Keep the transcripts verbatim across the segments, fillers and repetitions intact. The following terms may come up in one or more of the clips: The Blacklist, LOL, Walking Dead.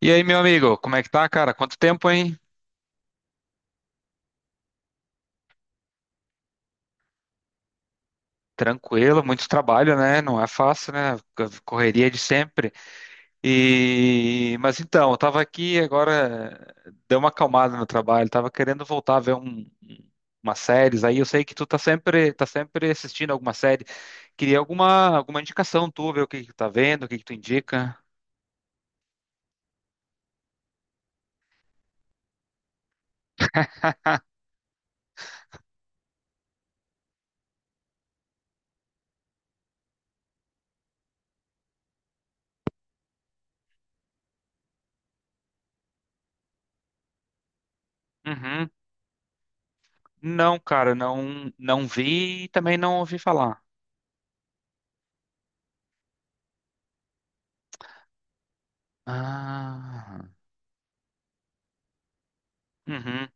E aí, meu amigo, como é que tá, cara? Quanto tempo, hein? Tranquilo, muito trabalho, né? Não é fácil, né? Correria de sempre. E mas então, eu tava aqui agora, deu uma acalmada no trabalho, tava querendo voltar a ver um umas séries aí. Eu sei que tu tá sempre tá sempre assistindo alguma série. Queria alguma alguma indicação tu, ver o que que tu tá vendo, o que que tu indica? Uhum. Não, cara, não não vi e também não ouvi falar. Ah. Uhum.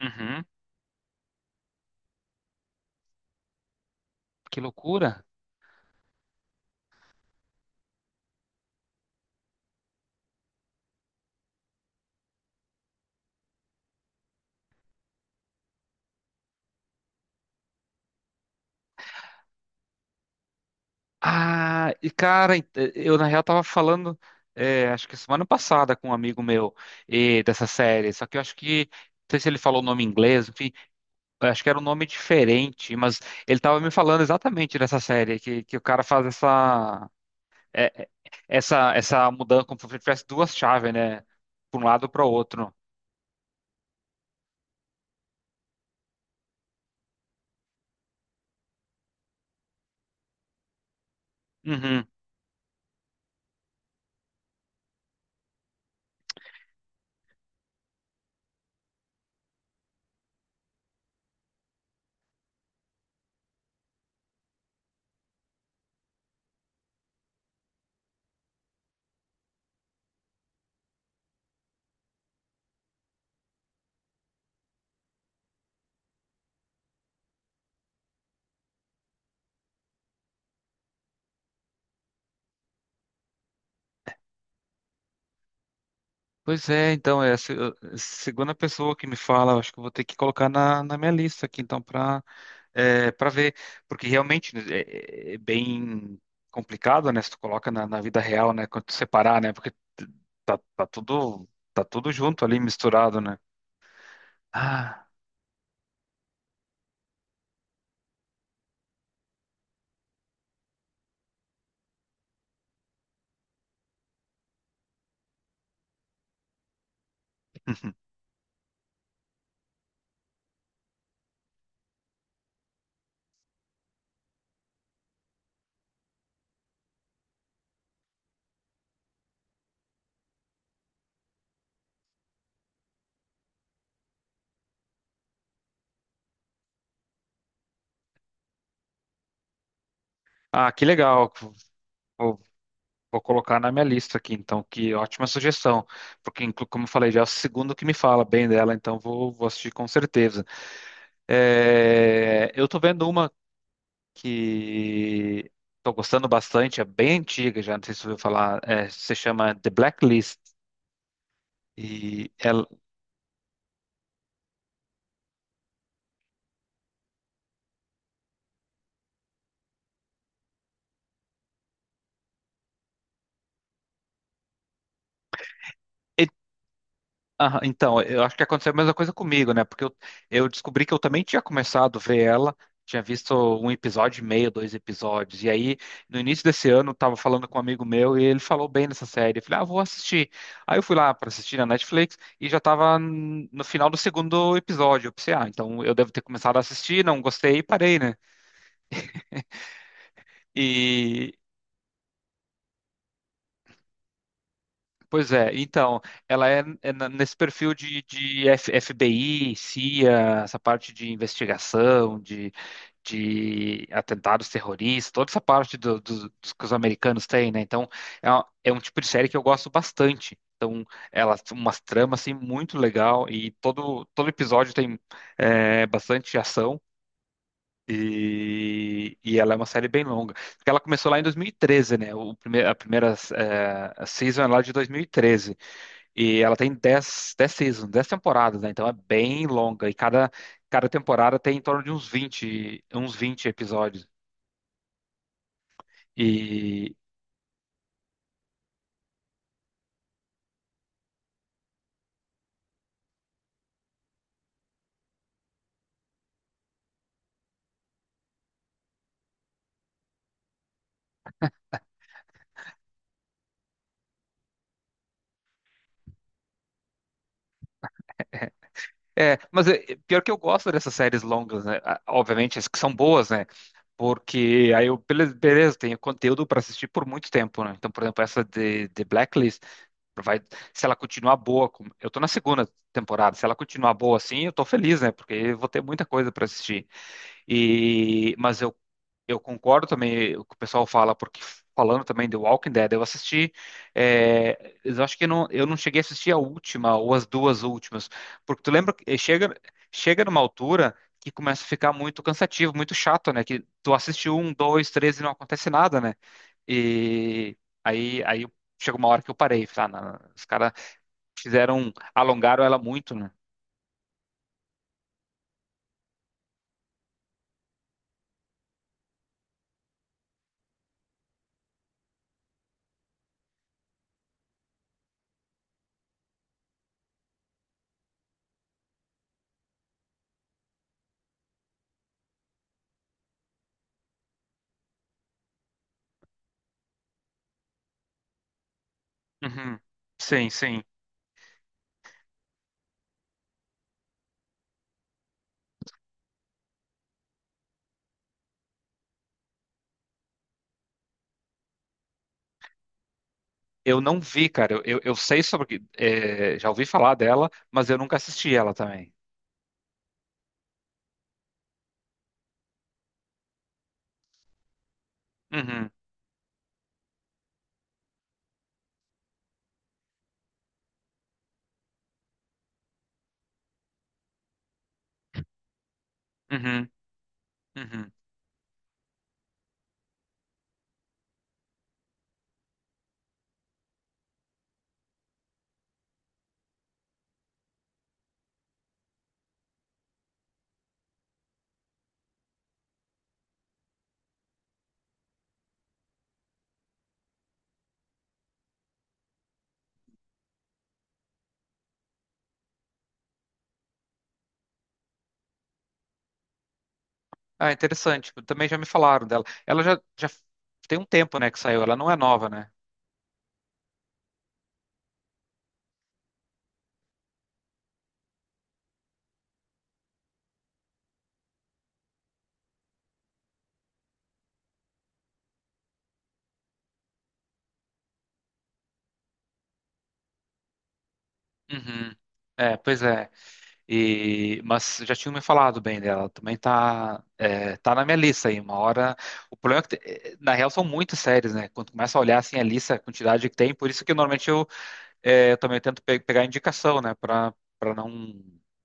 Uhum. Que loucura. Ah, e cara, ent- eh, eu na real tava falando, é, acho que semana passada com um amigo meu e dessa série, só que eu acho que, não sei se ele falou o nome em inglês, enfim, eu acho que era um nome diferente, mas ele tava me falando exatamente dessa série, que, que o cara faz essa, é, essa, essa mudança, como se tivesse duas chaves, né, pra um lado para o outro. Uhum. Pois é, então, é a se- a segunda pessoa que me fala. Eu acho que eu vou ter que colocar na, na minha lista aqui, então, é, para ver, porque realmente né, é, é bem complicado, né? Se tu coloca na, na vida real, né? Quando tu separar, né? Porque tá, tá tudo tá tudo junto ali misturado, né? Ah, ah, que legal. Vou, vou colocar na minha lista aqui, então. Que ótima sugestão, porque inclu- como eu falei, já é o segundo que me fala bem dela, então vou, vou assistir com certeza. É, eu tô vendo uma que estou gostando bastante. É bem antiga já, não sei se você ouviu falar, é, se chama The Blacklist. E ela, e- ah, então, eu acho que aconteceu a mesma coisa comigo, né? Porque eu, eu descobri que eu também tinha começado a ver ela, tinha visto um episódio e meio, dois episódios. E aí, no início desse ano, eu tava falando com um amigo meu e ele falou bem dessa série. Eu falei, ah, vou assistir. Aí eu fui lá para assistir na Netflix e já tava hum, no final do segundo episódio. Eu pensei, ah, então eu devo ter começado a assistir, não gostei e parei, né? E Pois é, então, ela é, é na- nesse perfil de, de F- FBI, C I A, essa parte de investigação, de, de atentados terroristas, toda essa parte do- do- dos que os americanos têm, né? Então, é, uma- é um tipo de série que eu gosto bastante. Então, ela tem umas tramas, assim, muito legal, e todo, todo episódio tem é, bastante ação. E, e ela é uma série bem longa, porque ela começou lá em dois mil e treze, né? O prime- a primeira eh, season é lá de dois mil e treze. E ela tem dez, 10 seasons, dez temporadas, né? Então é bem longa. E cada, cada temporada tem em torno de uns vinte, uns vinte episódios. E. É, mas é, é, pior que eu gosto dessas séries longas, né? Ah, obviamente, as que são boas, né? Porque aí eu, beleza, beleza, tenho conteúdo para assistir por muito tempo, né? Então, por exemplo, essa de, de Blacklist, vai, se ela continuar boa, como- eu tô na segunda temporada, se ela continuar boa assim, eu tô feliz, né? Porque eu vou ter muita coisa para assistir. E, mas eu Eu concordo também o que o pessoal fala, porque falando também de Walking Dead, eu assisti, é, eu acho que não, eu não cheguei a assistir a última ou as duas últimas, porque tu lembra que eh, chega, chega numa altura que começa a ficar muito cansativo, muito chato, né? Que tu assiste um, dois, três e não acontece nada, né? E aí, aí chega uma hora que eu parei, falei, ah, não, não, os caras fizeram, alongaram ela muito, né? Uhum. Sim, sim. Eu não vi, cara. Eu, eu, eu sei sobre. É, já ouvi falar dela, mas eu nunca assisti ela também. Uhum, uhum, uhum. Ah, interessante. Também já me falaram dela. Ela já, já tem um tempo, né, que saiu. Ela não é nova, né? Uhum. É, pois é. E, mas já tinham me falado bem dela. Também tá, é, tá na minha lista aí. Uma hora. O problema é que, te- eh, na real, são muitas séries, né? Quando começa a olhar assim a lista, a quantidade que tem, por isso que normalmente eu, é, eu também tento pe- pegar indicação, né, para para não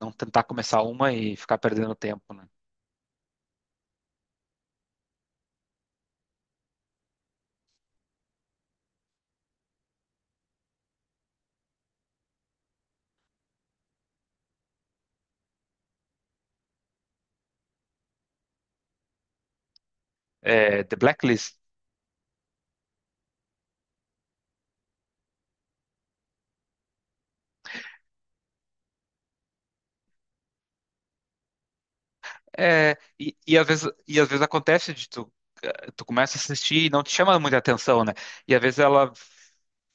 não tentar começar uma e ficar perdendo tempo, né? É, The Blacklist. É, e, e às vezes e às vezes acontece de tu eh, tu começa a assistir e não te chama muita atenção, né? E às vezes ela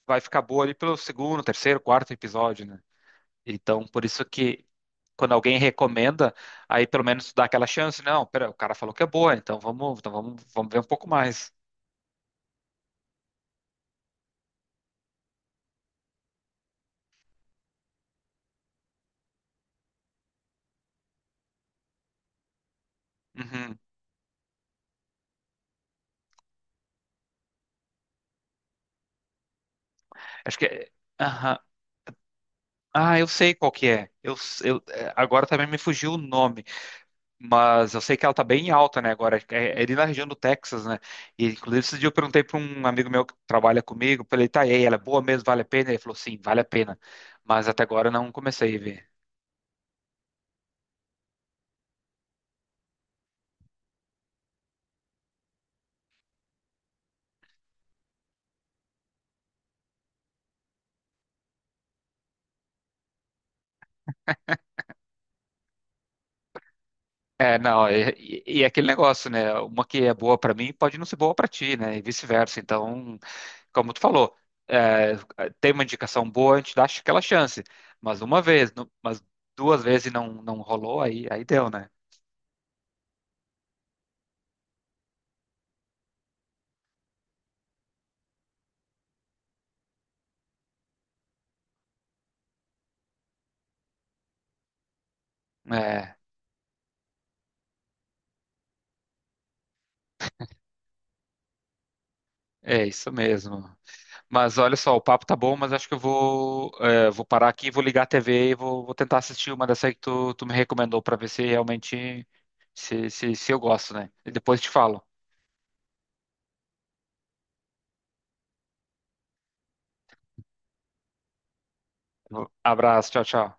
vai ficar boa ali pelo segundo, terceiro, quarto episódio, né? Então, por isso que quando alguém recomenda, aí pelo menos tu dá aquela chance. Não, pera, o cara falou que é boa, então vamos, então vamos, vamos ver um pouco mais. Uhum. Acho que é. Ah, eu sei qual que é. Eu, eu- é, agora também me fugiu o nome, mas eu sei que ela tá bem alta, né, agora. É, é ali na região do Texas, né? E, inclusive, esse dia eu perguntei para um amigo meu que trabalha comigo, falei, tá, e aí, ela é boa mesmo, vale a pena? Ele falou, sim, vale a pena. Mas até agora eu não comecei a ver. É, não, e, e- e é aquele negócio, né? Uma que é boa para mim pode não ser boa para ti, né? E vice-versa. Então, como tu falou, é, tem uma indicação boa, a gente dá aquela chance. Mas uma vez, nu- mas duas vezes e não, não rolou, aí, aí deu, né? É, é isso mesmo. Mas olha só, o papo tá bom, mas acho que eu vou, é, vou parar aqui, vou ligar a T V e vou, vou tentar assistir uma dessa aí que tu, tu me recomendou, pra ver se realmente se, se, se eu gosto, né? E depois te falo. Abraço, tchau, tchau.